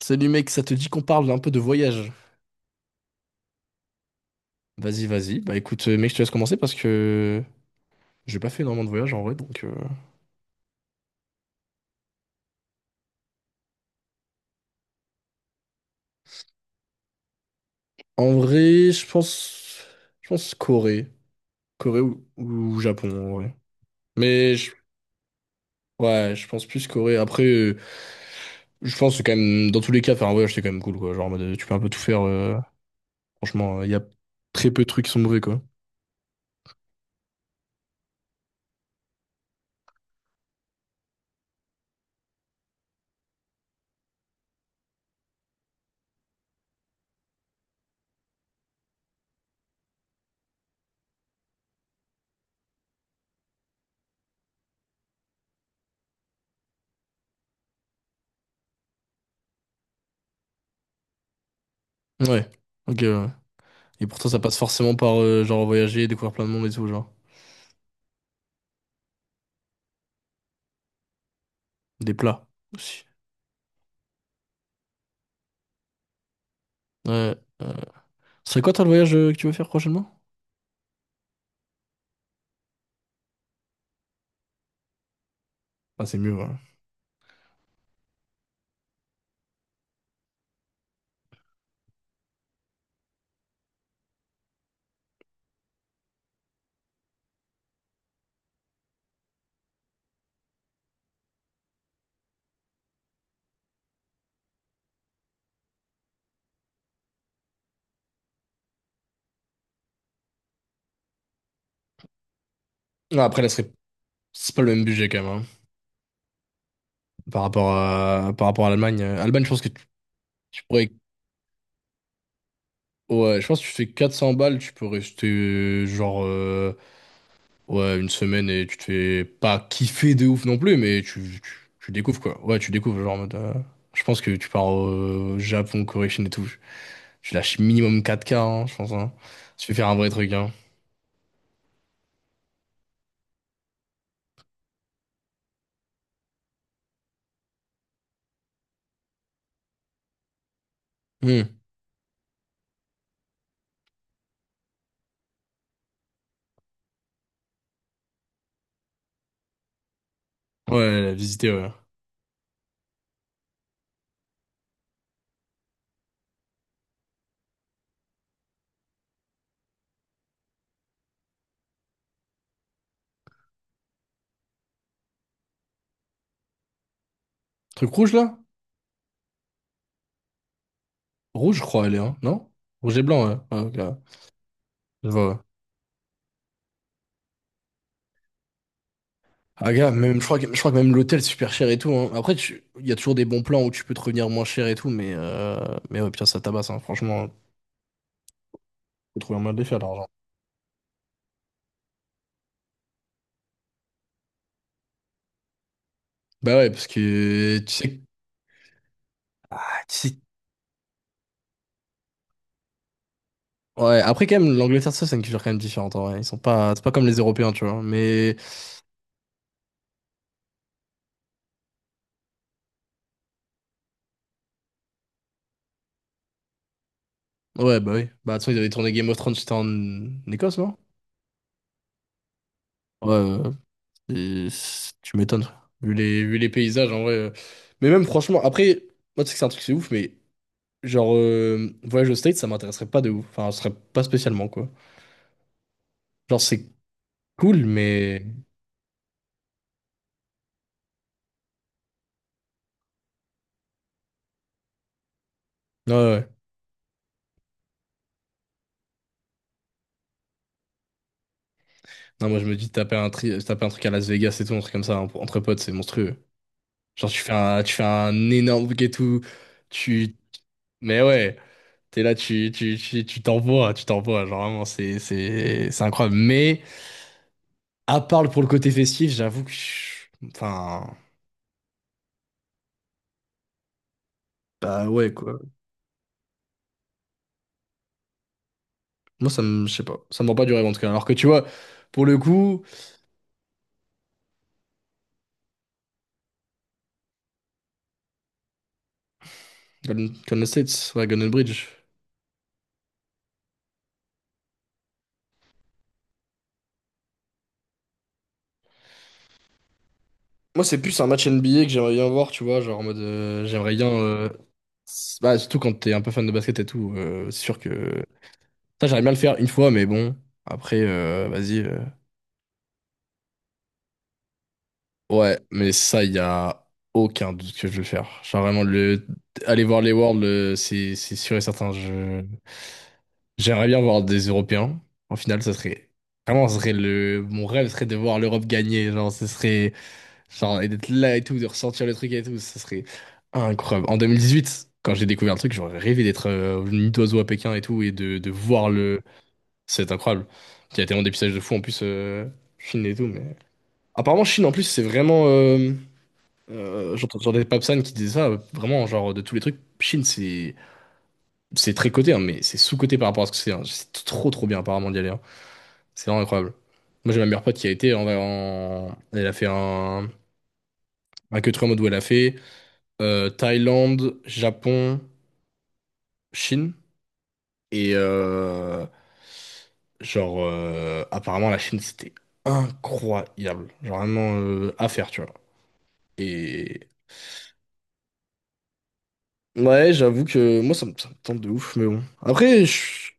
Salut mec, ça te dit qu'on parle un peu de voyage? Vas-y, vas-y. Bah écoute, mec, je te laisse commencer parce que j'ai pas fait énormément de voyages en vrai, donc. En vrai, je pense. Je pense Corée. Corée ou Japon, en vrai. Mais ouais, je pense plus Corée. Après, je pense que quand même, dans tous les cas, faire un voyage, c'est quand même cool, quoi. Genre, en mode, tu peux un peu tout faire. Franchement, il y a très peu de trucs qui sont mauvais, quoi. Ouais, ok, ouais. Et pour toi, ça passe forcément par, genre, voyager, découvrir plein de monde et tout, genre. Des plats aussi. Ouais. C'est quoi toi le voyage que tu veux faire prochainement? Ah, c'est mieux, voilà. Non, après, là, ce serait. C'est pas le même budget quand même, hein. Par rapport à l'Allemagne. Allemagne, je pense que tu pourrais. Ouais, je pense que tu fais 400 balles, tu peux rester genre ouais, une semaine et tu te fais pas kiffer de ouf non plus, mais tu découvres quoi. Ouais, tu découvres genre en mode, je pense que tu pars au Japon, Corée, Chine et tout. Tu lâches minimum 4K, hein, je pense. Hein. Tu fais faire un vrai truc, hein. Hmm. Ouais, visiter, ouais. Truc rouge là? Rouge, je crois, elle est, hein, non? Rouge et blanc, ouais. Ah, ok. Je vois, ouais. Ah, gars, même, je crois que même l'hôtel, c'est super cher et tout, hein. Après, il y a toujours des bons plans où tu peux te revenir moins cher et tout, mais ouais, putain, ça tabasse, hein. Franchement, faut trouver un moyen de les faire, l'argent. Bah ouais, parce que tu sais. Ah. Ouais, après, quand même, l'Angleterre, ça, c'est une culture quand même différente, en vrai. Ils sont pas. C'est pas comme les Européens, tu vois. Mais. Ouais, bah oui. Bah, de toute façon, ils avaient tourné Game of Thrones, c'était en Écosse, non? Ouais, ouais, ouais. Et c'est, tu m'étonnes. Vu les paysages, en vrai. Mais même, franchement, après, moi, tu sais que c'est un truc, c'est ouf, mais genre, voyage au States, ça m'intéresserait pas de ouf. Enfin, ce serait pas spécialement, quoi. Genre, c'est cool, mais. Ouais, ouais. Non, moi, je me dis, taper un truc à Las Vegas et tout, un truc comme ça, entre potes, c'est monstrueux. Genre, tu fais un énorme bouquet tout. Tu. Mais ouais, t'es là, tu t'envoies, tu t'envoies. Genre, vraiment, c'est incroyable. Mais. À part le pour le côté festif, j'avoue que. Enfin. Bah ouais, quoi. Moi, ça me. Je sais pas. Ça me vend pas du rêve, en tout cas. Alors que tu vois, pour le coup. Golden, Golden States, ouais, Golden Bridge. Moi, c'est plus un match NBA que j'aimerais bien voir, tu vois. Genre en mode. J'aimerais bien. Bah, surtout quand t'es un peu fan de basket et tout, c'est sûr que. Ça, j'aimerais bien le faire une fois, mais bon. Après, vas-y. Ouais, mais ça, il y a aucun doute que je vais le faire. Genre vraiment, le. Aller voir les Worlds, c'est sûr et certain. Je J'aimerais bien voir des Européens. En finale, ça serait vraiment, ça serait le mon rêve serait de voir l'Europe gagner. Genre, ce serait genre et d'être là et tout, de ressentir le truc et tout, ça serait incroyable. En 2018, quand j'ai découvert le truc, j'aurais rêvé d'être au nid d'oiseau à Pékin et tout et de voir le. C'est incroyable. Il y a tellement d'épisodes de fou en plus Chine et tout, mais apparemment Chine en plus c'est vraiment. J'entendais Papsan qui disait ça, vraiment, genre de tous les trucs, Chine c'est très coté, hein, mais c'est sous-coté par rapport à ce que c'est, hein. C'est trop trop bien apparemment d'y aller, hein. C'est vraiment incroyable. Moi, j'ai ma meilleure pote qui a été Elle a fait un. Un que trois modes où elle a fait Thaïlande, Japon, Chine. Et genre, apparemment, la Chine, c'était incroyable. Genre, vraiment à faire, tu vois. Et ouais, j'avoue que moi, ça me tente de ouf, mais bon. Après,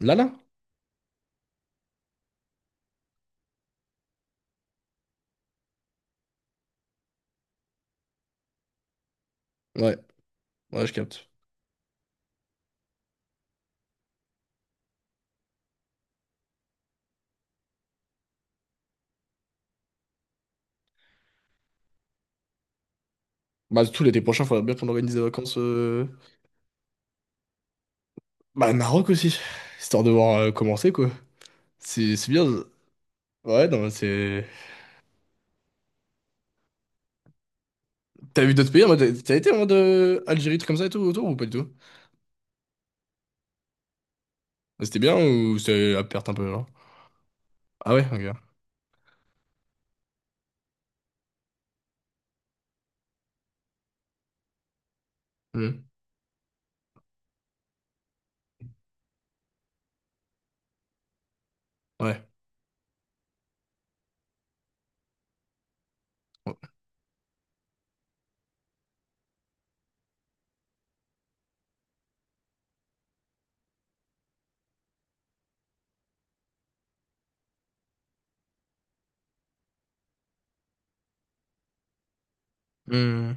là, là. Ouais, ouais, je capte. Bah, tout l'été prochain, faudrait bien qu'on organise des vacances. Bah, Maroc aussi. Histoire de voir commencer, quoi. C'est bien. Ouais, non, c'est. T'as vu d'autres pays en mode. T'as été en mode Algérie, truc comme ça et tout autour ou pas du tout? C'était bien ou c'est à perte un peu, genre? Ah ouais, ok. Hmm. Ouais. Hmm.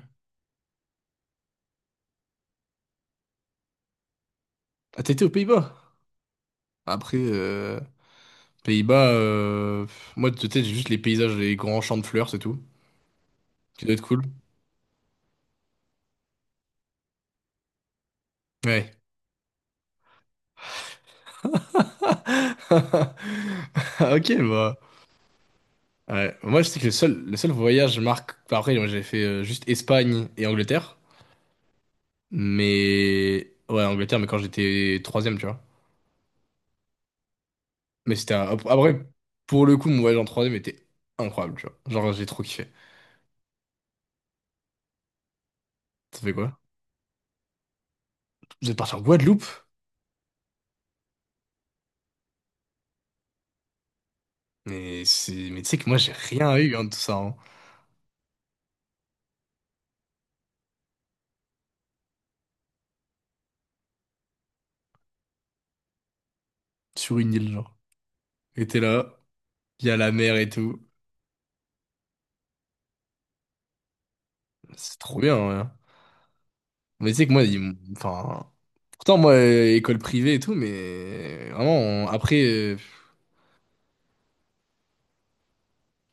Ah, t'as été aux Pays-Bas? Après, Pays-Bas, pff, moi, de tête, j'ai juste les paysages, les grands champs de fleurs, c'est tout. Qui doit être cool. Ouais. Ok, bah. Ouais. Moi, je sais que le seul voyage marque. Enfin, après, moi, j'avais fait juste Espagne et Angleterre. Mais. Ouais, Angleterre, mais quand j'étais troisième, tu vois. Mais c'était un. Après, pour le coup, mon voyage en 3e était incroyable, tu vois. Genre, j'ai trop kiffé. Ça fait quoi? Vous êtes parti en Guadeloupe? Mais c'est. Mais tu sais que moi, j'ai rien eu, hein, de tout ça, hein. Sur une île, genre. Et t'es là, il y a la mer et tout. C'est trop bien, hein. Mais tu sais que moi, enfin. Pourtant, moi, école privée et tout, mais. Vraiment, après.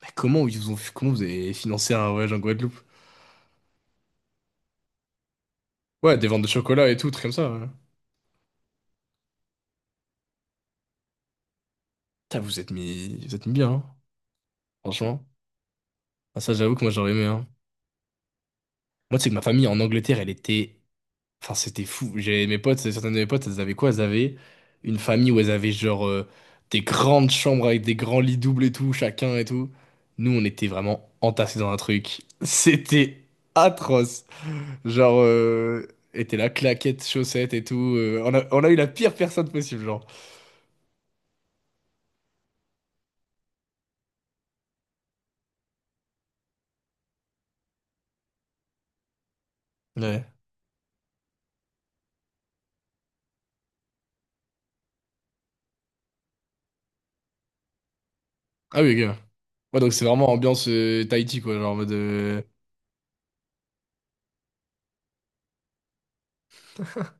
Bah, Comment vous avez financé un voyage en Guadeloupe? Ouais, des ventes de chocolat et tout, trucs comme ça, ouais. Putain, vous êtes mis. Vous êtes mis bien, hein. Franchement. Ah, ça, j'avoue que moi, j'aurais aimé, hein. Moi, tu sais que ma famille en Angleterre, elle était. Enfin, c'était fou. J'avais mes potes, certaines de mes potes, elles avaient quoi? Elles avaient une famille où elles avaient genre des grandes chambres avec des grands lits doubles et tout, chacun et tout. Nous, on était vraiment entassés dans un truc. C'était atroce. Genre, était là, claquettes, chaussettes et tout. On a eu la pire personne possible, genre. Ouais. Ah oui, gars. Ouais, donc c'est vraiment ambiance Tahiti, quoi. Genre en mode.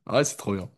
Ouais, c'est trop bien.